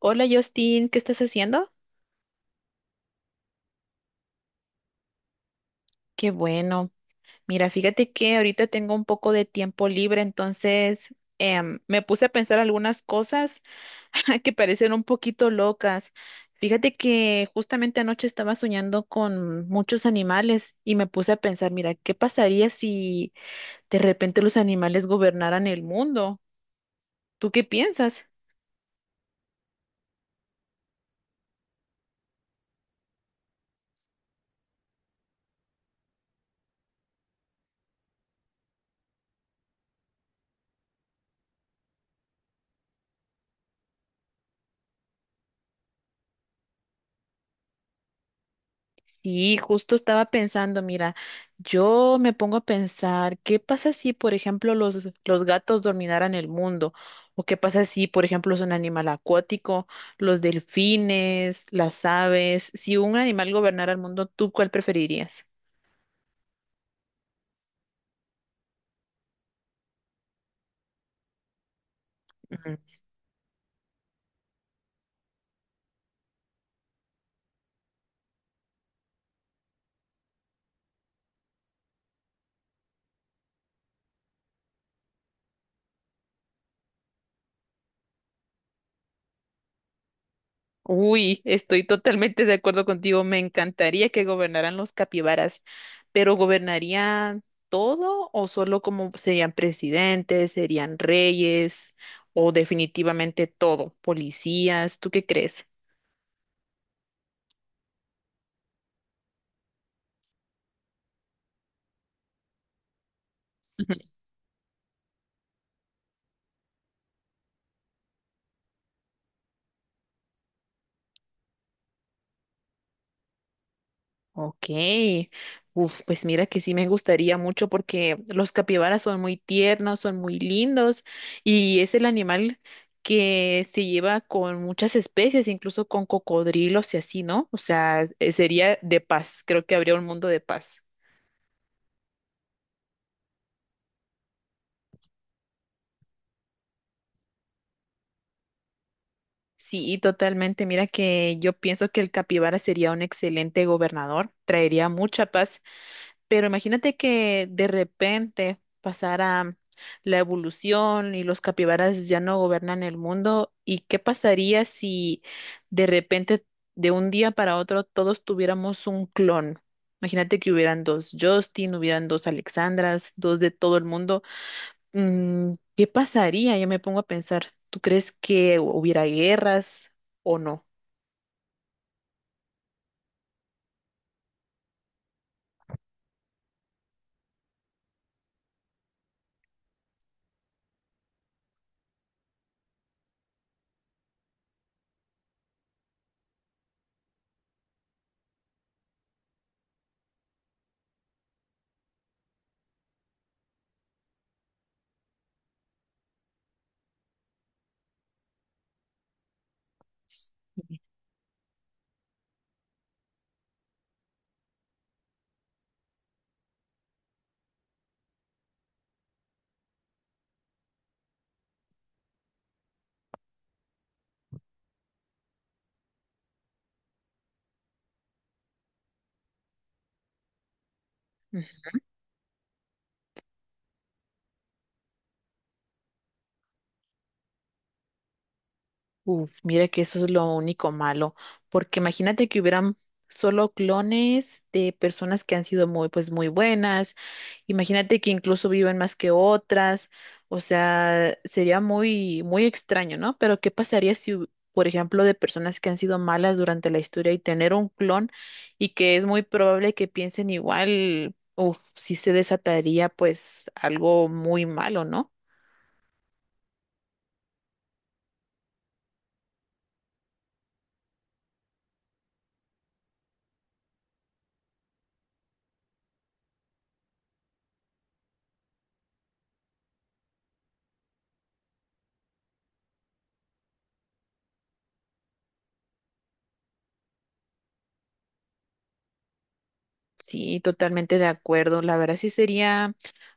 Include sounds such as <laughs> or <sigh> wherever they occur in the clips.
Hola Justin, ¿qué estás haciendo? Qué bueno. Mira, fíjate que ahorita tengo un poco de tiempo libre, entonces me puse a pensar algunas cosas <laughs> que parecen un poquito locas. Fíjate que justamente anoche estaba soñando con muchos animales y me puse a pensar, mira, ¿qué pasaría si de repente los animales gobernaran el mundo? ¿Tú qué piensas? Sí, justo estaba pensando, mira, yo me pongo a pensar, ¿qué pasa si, por ejemplo, los gatos dominaran el mundo? ¿O qué pasa si, por ejemplo, es un animal acuático, los delfines, las aves? Si un animal gobernara el mundo, ¿tú cuál preferirías? Uy, estoy totalmente de acuerdo contigo. Me encantaría que gobernaran los capibaras, pero ¿gobernarían todo o solo como serían presidentes, serían reyes o definitivamente todo, policías? ¿Tú qué crees? Ok, uf, pues mira que sí me gustaría mucho porque los capibaras son muy tiernos, son muy lindos y es el animal que se lleva con muchas especies, incluso con cocodrilos y así, ¿no? O sea, sería de paz, creo que habría un mundo de paz. Sí, totalmente. Mira que yo pienso que el capibara sería un excelente gobernador, traería mucha paz. Pero imagínate que de repente pasara la evolución y los capibaras ya no gobernan el mundo. ¿Y qué pasaría si de repente, de un día para otro, todos tuviéramos un clon? Imagínate que hubieran dos Justin, hubieran dos Alexandras, dos de todo el mundo. Mm, ¿qué pasaría? Yo me pongo a pensar, ¿tú crees que hubiera guerras o no? Uf, mira que eso es lo único malo, porque imagínate que hubieran solo clones de personas que han sido muy, pues, muy buenas. Imagínate que incluso viven más que otras. O sea, sería muy, muy extraño, ¿no? Pero ¿qué pasaría si, por ejemplo, de personas que han sido malas durante la historia y tener un clon y que es muy probable que piensen igual, uf, sí se desataría, pues, algo muy malo, ¿no? Sí, totalmente de acuerdo. La verdad sí sería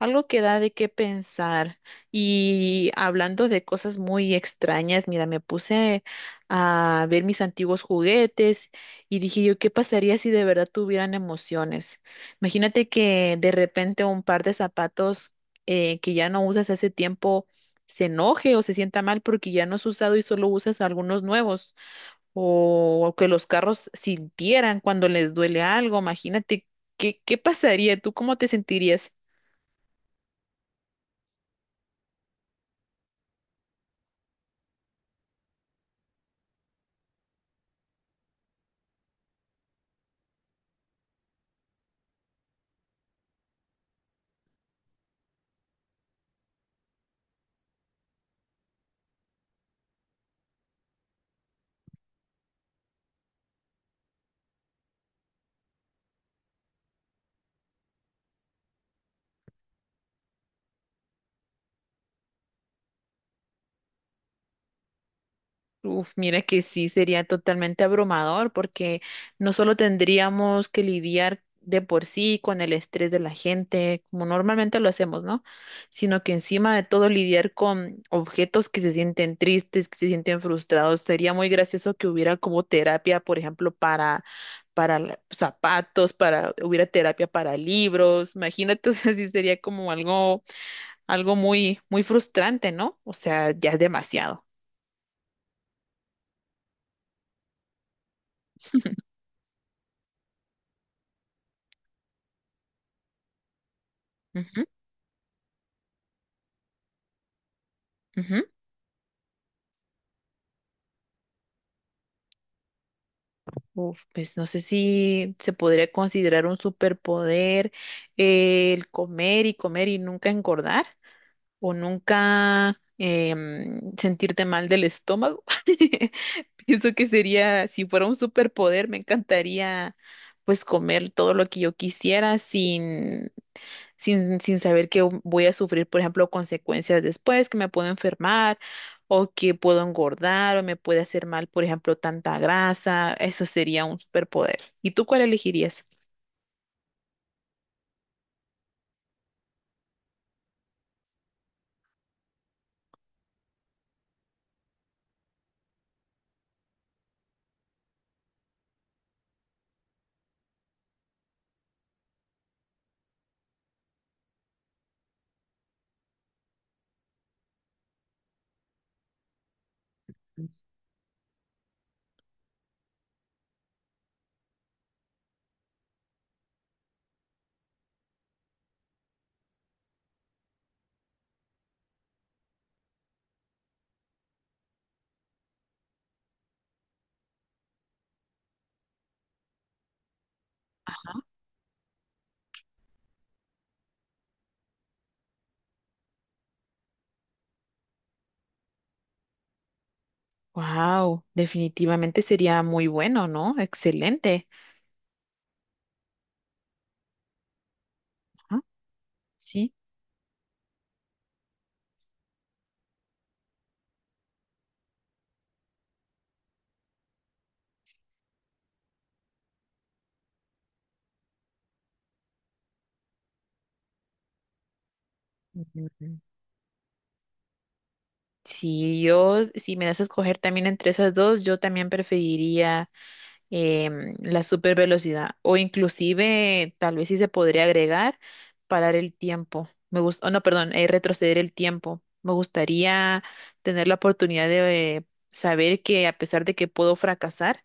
algo que da de qué pensar. Y hablando de cosas muy extrañas, mira, me puse a ver mis antiguos juguetes y dije yo, ¿qué pasaría si de verdad tuvieran emociones? Imagínate que de repente un par de zapatos que ya no usas hace tiempo se enoje o se sienta mal porque ya no has usado y solo usas algunos nuevos o que los carros sintieran cuando les duele algo. Imagínate, ¿qué pasaría? ¿Tú cómo te sentirías? Uf, mira que sí sería totalmente abrumador porque no solo tendríamos que lidiar de por sí con el estrés de la gente, como normalmente lo hacemos, ¿no? Sino que encima de todo lidiar con objetos que se sienten tristes, que se sienten frustrados. Sería muy gracioso que hubiera como terapia, por ejemplo, para la- zapatos, para, hubiera terapia para libros. Imagínate, <laughs> o sea, sí sería como algo, algo muy, muy frustrante, ¿no? O sea, ya es demasiado. Ujú, ujú. Uf, pues no sé si se podría considerar un superpoder, el comer y comer y nunca engordar o nunca sentirte mal del estómago. <laughs> Pienso que sería, si fuera un superpoder, me encantaría pues comer todo lo que yo quisiera sin sin saber que voy a sufrir, por ejemplo, consecuencias después, que me puedo enfermar o que puedo engordar o me puede hacer mal, por ejemplo, tanta grasa. Eso sería un superpoder. ¿Y tú cuál elegirías? Wow, definitivamente sería muy bueno, ¿no? Excelente. Ajá, sí. Mm, si yo, si me das a escoger también entre esas dos, yo también preferiría la super velocidad o inclusive tal vez sí se podría agregar parar el tiempo. Me gusta, no, perdón, retroceder el tiempo. Me gustaría tener la oportunidad de saber que a pesar de que puedo fracasar,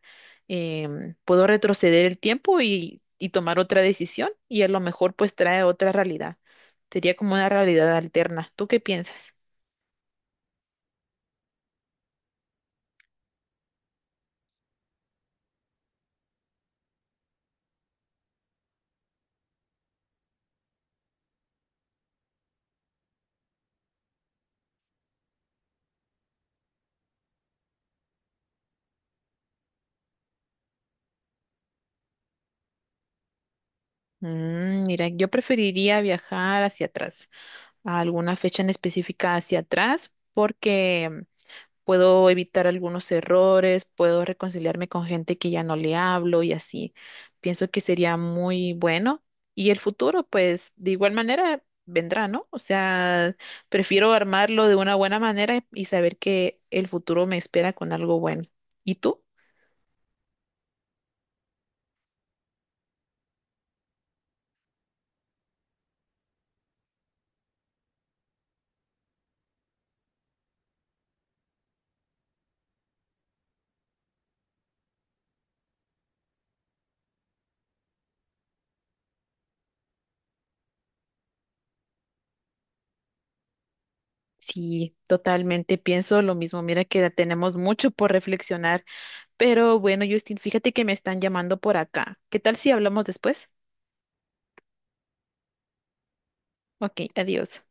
puedo retroceder el tiempo y tomar otra decisión y a lo mejor pues trae otra realidad. Sería como una realidad alterna. ¿Tú qué piensas? Mm, mira, yo preferiría viajar hacia atrás, a alguna fecha en específica hacia atrás, porque mm, puedo evitar algunos errores, puedo reconciliarme con gente que ya no le hablo y así. Pienso que sería muy bueno. Y el futuro, pues, de igual manera vendrá, ¿no? O sea, prefiero armarlo de una buena manera y saber que el futuro me espera con algo bueno. ¿Y tú? Sí, totalmente pienso lo mismo. Mira que tenemos mucho por reflexionar. Pero bueno, Justin, fíjate que me están llamando por acá. ¿Qué tal si hablamos después? Ok, adiós.